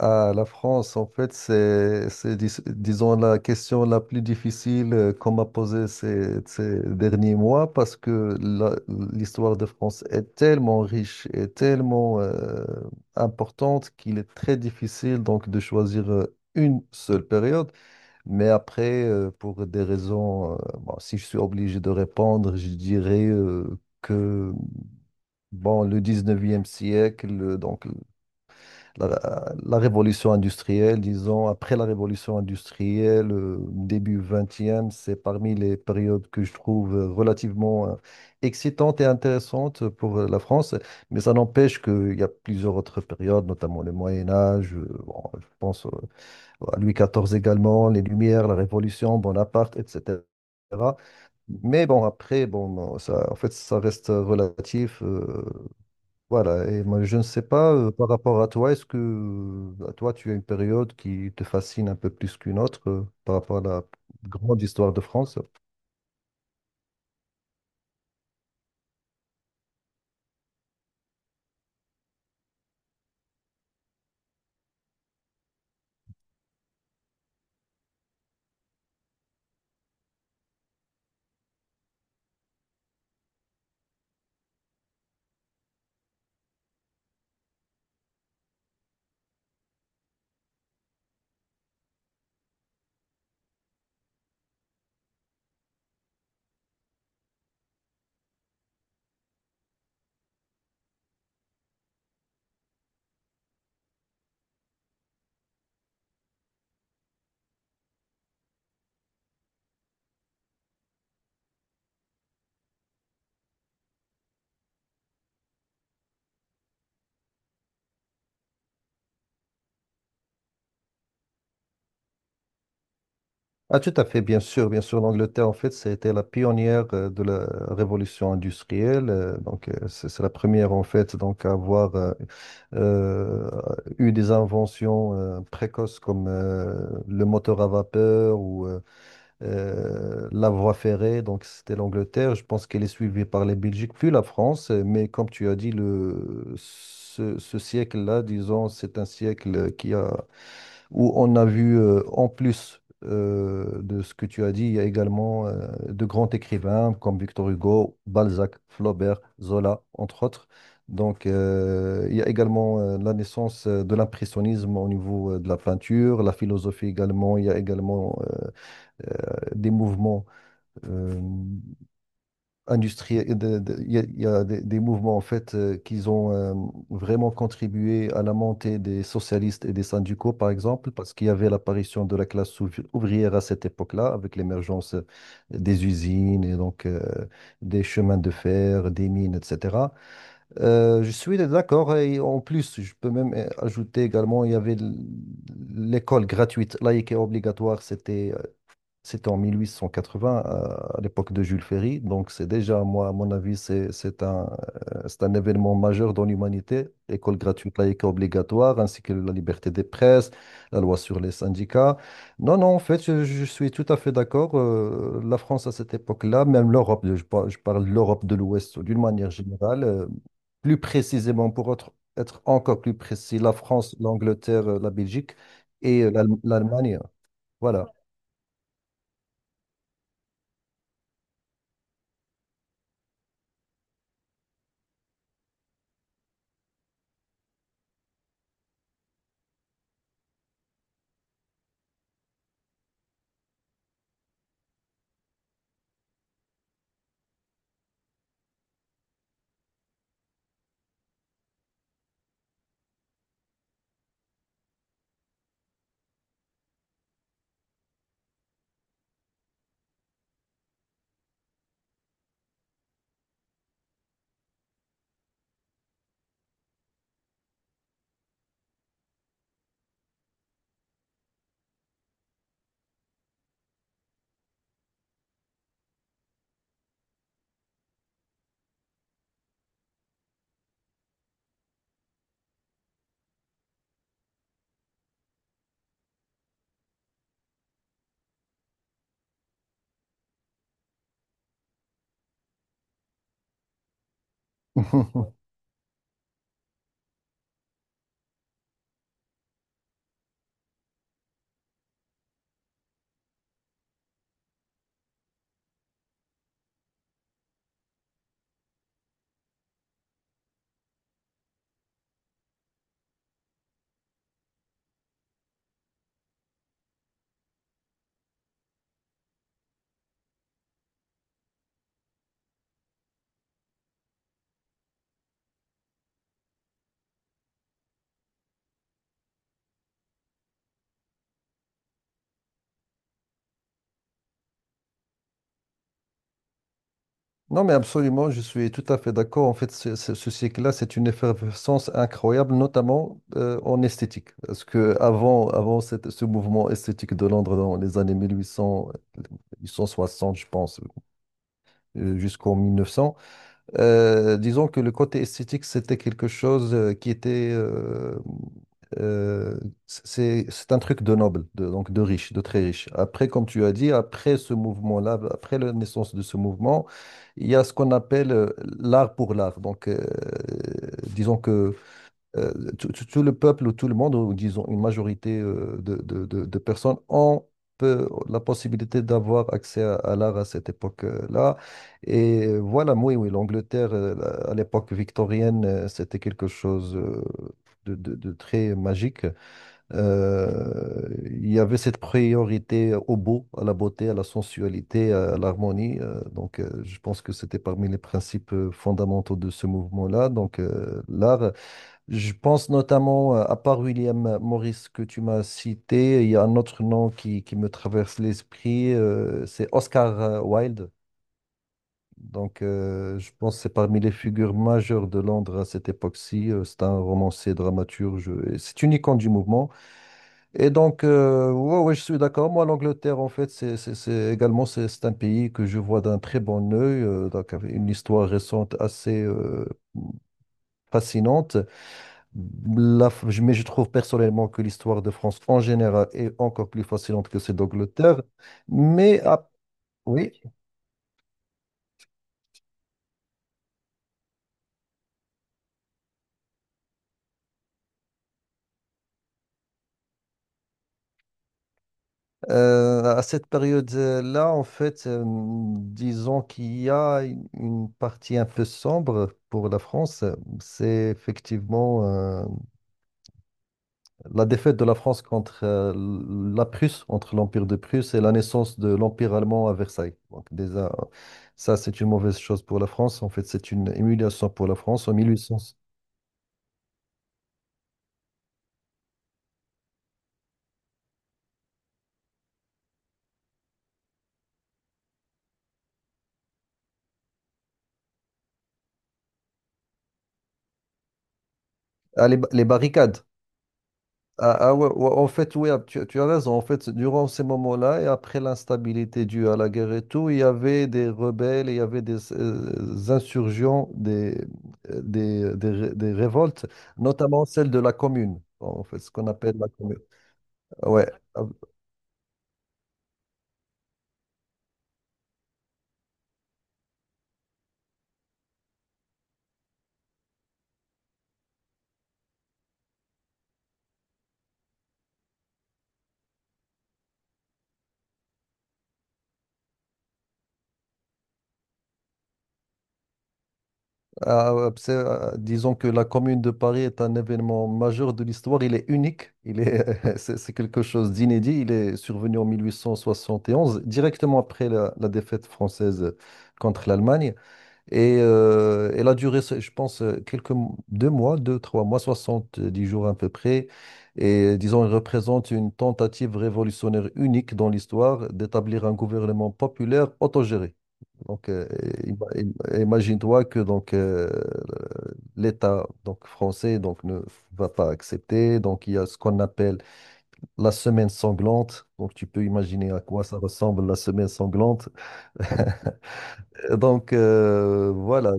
Ah, la France, en fait, disons, la question la plus difficile qu'on m'a posée ces derniers mois parce que l'histoire de France est tellement riche et tellement importante qu'il est très difficile donc de choisir une seule période. Mais après, pour des raisons, bon, si je suis obligé de répondre, je dirais que bon, le 19e siècle, donc la révolution industrielle, disons, après la révolution industrielle, début 20, c'est parmi les périodes que je trouve relativement excitantes et intéressantes pour la France. Mais ça n'empêche qu'il y a plusieurs autres périodes, notamment le Moyen Âge, bon, je pense à Louis XIV également, les Lumières, la Révolution, Bonaparte, etc. Mais bon, après, bon, ça, en fait, ça reste relatif. Voilà, et moi, je ne sais pas, par rapport à toi, est-ce que à toi, tu as une période qui te fascine un peu plus qu'une autre par rapport à la grande histoire de France? Ah, tout à fait, bien sûr, bien sûr. L'Angleterre, en fait, c'était la pionnière de la révolution industrielle. Donc, c'est la première, en fait, donc, à avoir euh, eu des inventions précoces comme le moteur à vapeur ou la voie ferrée, donc c'était l'Angleterre. Je pense qu'elle est suivie par les Belgiques, puis la France. Mais comme tu as dit, ce siècle-là, disons, c'est un siècle qui a, où on a vu, en plus de ce que tu as dit, il y a également de grands écrivains comme Victor Hugo, Balzac, Flaubert, Zola, entre autres. Donc, il y a également la naissance de l'impressionnisme au niveau de la peinture, la philosophie également. Il y a également des mouvements euh, industriels, il y a des mouvements en fait qui ont vraiment contribué à la montée des socialistes et des syndicaux, par exemple, parce qu'il y avait l'apparition de la classe ouvrière à cette époque-là, avec l'émergence des usines et donc des chemins de fer, des mines, etc. Je suis d'accord et en plus, je peux même ajouter également, il y avait l'école gratuite, laïque et obligatoire, c'était en 1880, à l'époque de Jules Ferry. Donc, c'est déjà, moi, à mon avis, c'est un événement majeur dans l'humanité. École gratuite, laïque et obligatoire, ainsi que la liberté des presses, la loi sur les syndicats. Non, non, en fait, je suis tout à fait d'accord. La France, à cette époque-là, même l'Europe, je parle de l'Europe de l'Ouest d'une manière générale, plus précisément, pour être encore plus précis, la France, l'Angleterre, la Belgique et l'Allemagne. Voilà. Non, mais absolument, je suis tout à fait d'accord. En fait, ce cycle-là, c'est une effervescence incroyable, notamment en esthétique. Parce que avant ce mouvement esthétique de Londres dans les années mille huit cents, mille huit cent soixante, je pense, jusqu'en 1900, disons que le côté esthétique, c'était quelque chose qui était... euh, c'est un truc de noble, de, donc de riche, de très riche. Après, comme tu as dit, après ce mouvement-là, après la naissance de ce mouvement, il y a ce qu'on appelle l'art pour l'art. Donc, disons que euh, tout le peuple ou tout le monde, ou disons une majorité de, de personnes, ont la possibilité d'avoir accès à l'art à cette époque-là. Et voilà, oui, oui, l'Angleterre, à l'époque victorienne, c'était quelque chose de, de très magique. Il y avait cette priorité au beau, à la beauté, à la sensualité, à l'harmonie. Donc, je pense que c'était parmi les principes fondamentaux de ce mouvement-là. Donc, l'art. Je pense notamment, à part William Morris que tu m'as cité, il y a un autre nom qui me traverse l'esprit, c'est Oscar Wilde. Donc, je pense que c'est parmi les figures majeures de Londres à cette époque-ci. C'est un romancier, dramaturge, et c'est une icône du mouvement. Et donc, ouais, ouais, je suis d'accord. Moi, l'Angleterre, en fait, c'est également c'est un pays que je vois d'un très bon œil, donc avec une histoire récente assez fascinante. Mais je trouve personnellement que l'histoire de France en général est encore plus fascinante que celle d'Angleterre. Mais à- oui, à cette période-là, en fait, disons qu'il y a une partie un peu sombre pour la France. C'est effectivement la défaite de la France contre la Prusse, entre l'Empire de Prusse et la naissance de l'Empire allemand à Versailles. Donc déjà, ça, c'est une mauvaise chose pour la France. En fait, c'est une humiliation pour la France. En 1800. Ah, les barricades. Ah, ah ouais, ouais, en fait, oui, ah, tu as raison. En fait, durant ces moments-là et après l'instabilité due à la guerre et tout, il y avait des rebelles, il y avait des insurgents, des révoltes, notamment celle de la commune. Bon, en fait, ce qu'on appelle la commune. Ouais. Ah, ouais, disons que la Commune de Paris est un événement majeur de l'histoire. Il est unique. Il est, c'est quelque chose d'inédit. Il est survenu en 1871, directement après la défaite française contre l'Allemagne. Et elle a duré, je pense, deux mois, trois mois, 70 jours à peu près. Et disons, elle représente une tentative révolutionnaire unique dans l'histoire d'établir un gouvernement populaire autogéré. Donc, imagine-toi que donc l'État donc français donc ne va pas accepter. Donc, il y a ce qu'on appelle la semaine sanglante. Donc, tu peux imaginer à quoi ça ressemble la semaine sanglante. Donc, voilà.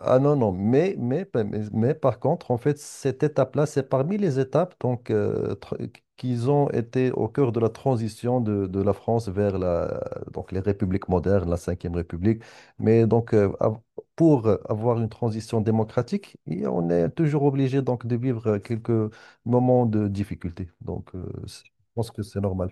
Ah non, non, mais par contre, en fait, cette étape-là, c'est parmi les étapes donc, qu'ils ont été au cœur de la transition de la France vers la, donc, les républiques modernes, la Cinquième République. Mais donc, pour avoir une transition démocratique, et on est toujours obligé donc, de vivre quelques moments de difficulté. Donc, je pense que c'est normal.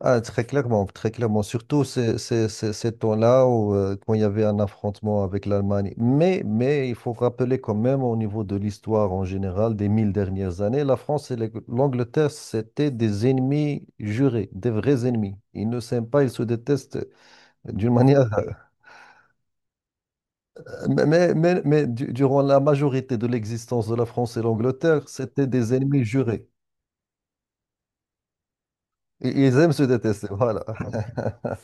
Ah, très clairement, très clairement. Surtout ces temps-là où, quand il y avait un affrontement avec l'Allemagne. Mais il faut rappeler quand même au niveau de l'histoire en général des mille dernières années, la France et l'Angleterre, c'était des ennemis jurés, des vrais ennemis. Ils ne s'aiment pas, ils se détestent d'une manière... Mais durant la majorité de l'existence de la France et l'Angleterre, c'était des ennemis jurés. Et ils aiment se détester, voilà.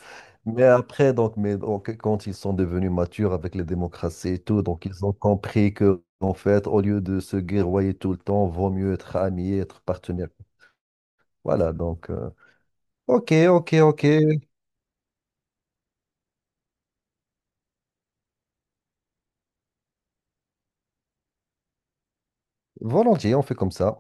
Mais après, quand ils sont devenus matures avec les démocraties et tout, donc ils ont compris que, en fait, au lieu de se guerroyer tout le temps, vaut mieux être amis, être partenaires. Voilà, donc, OK, volontiers, on fait comme ça.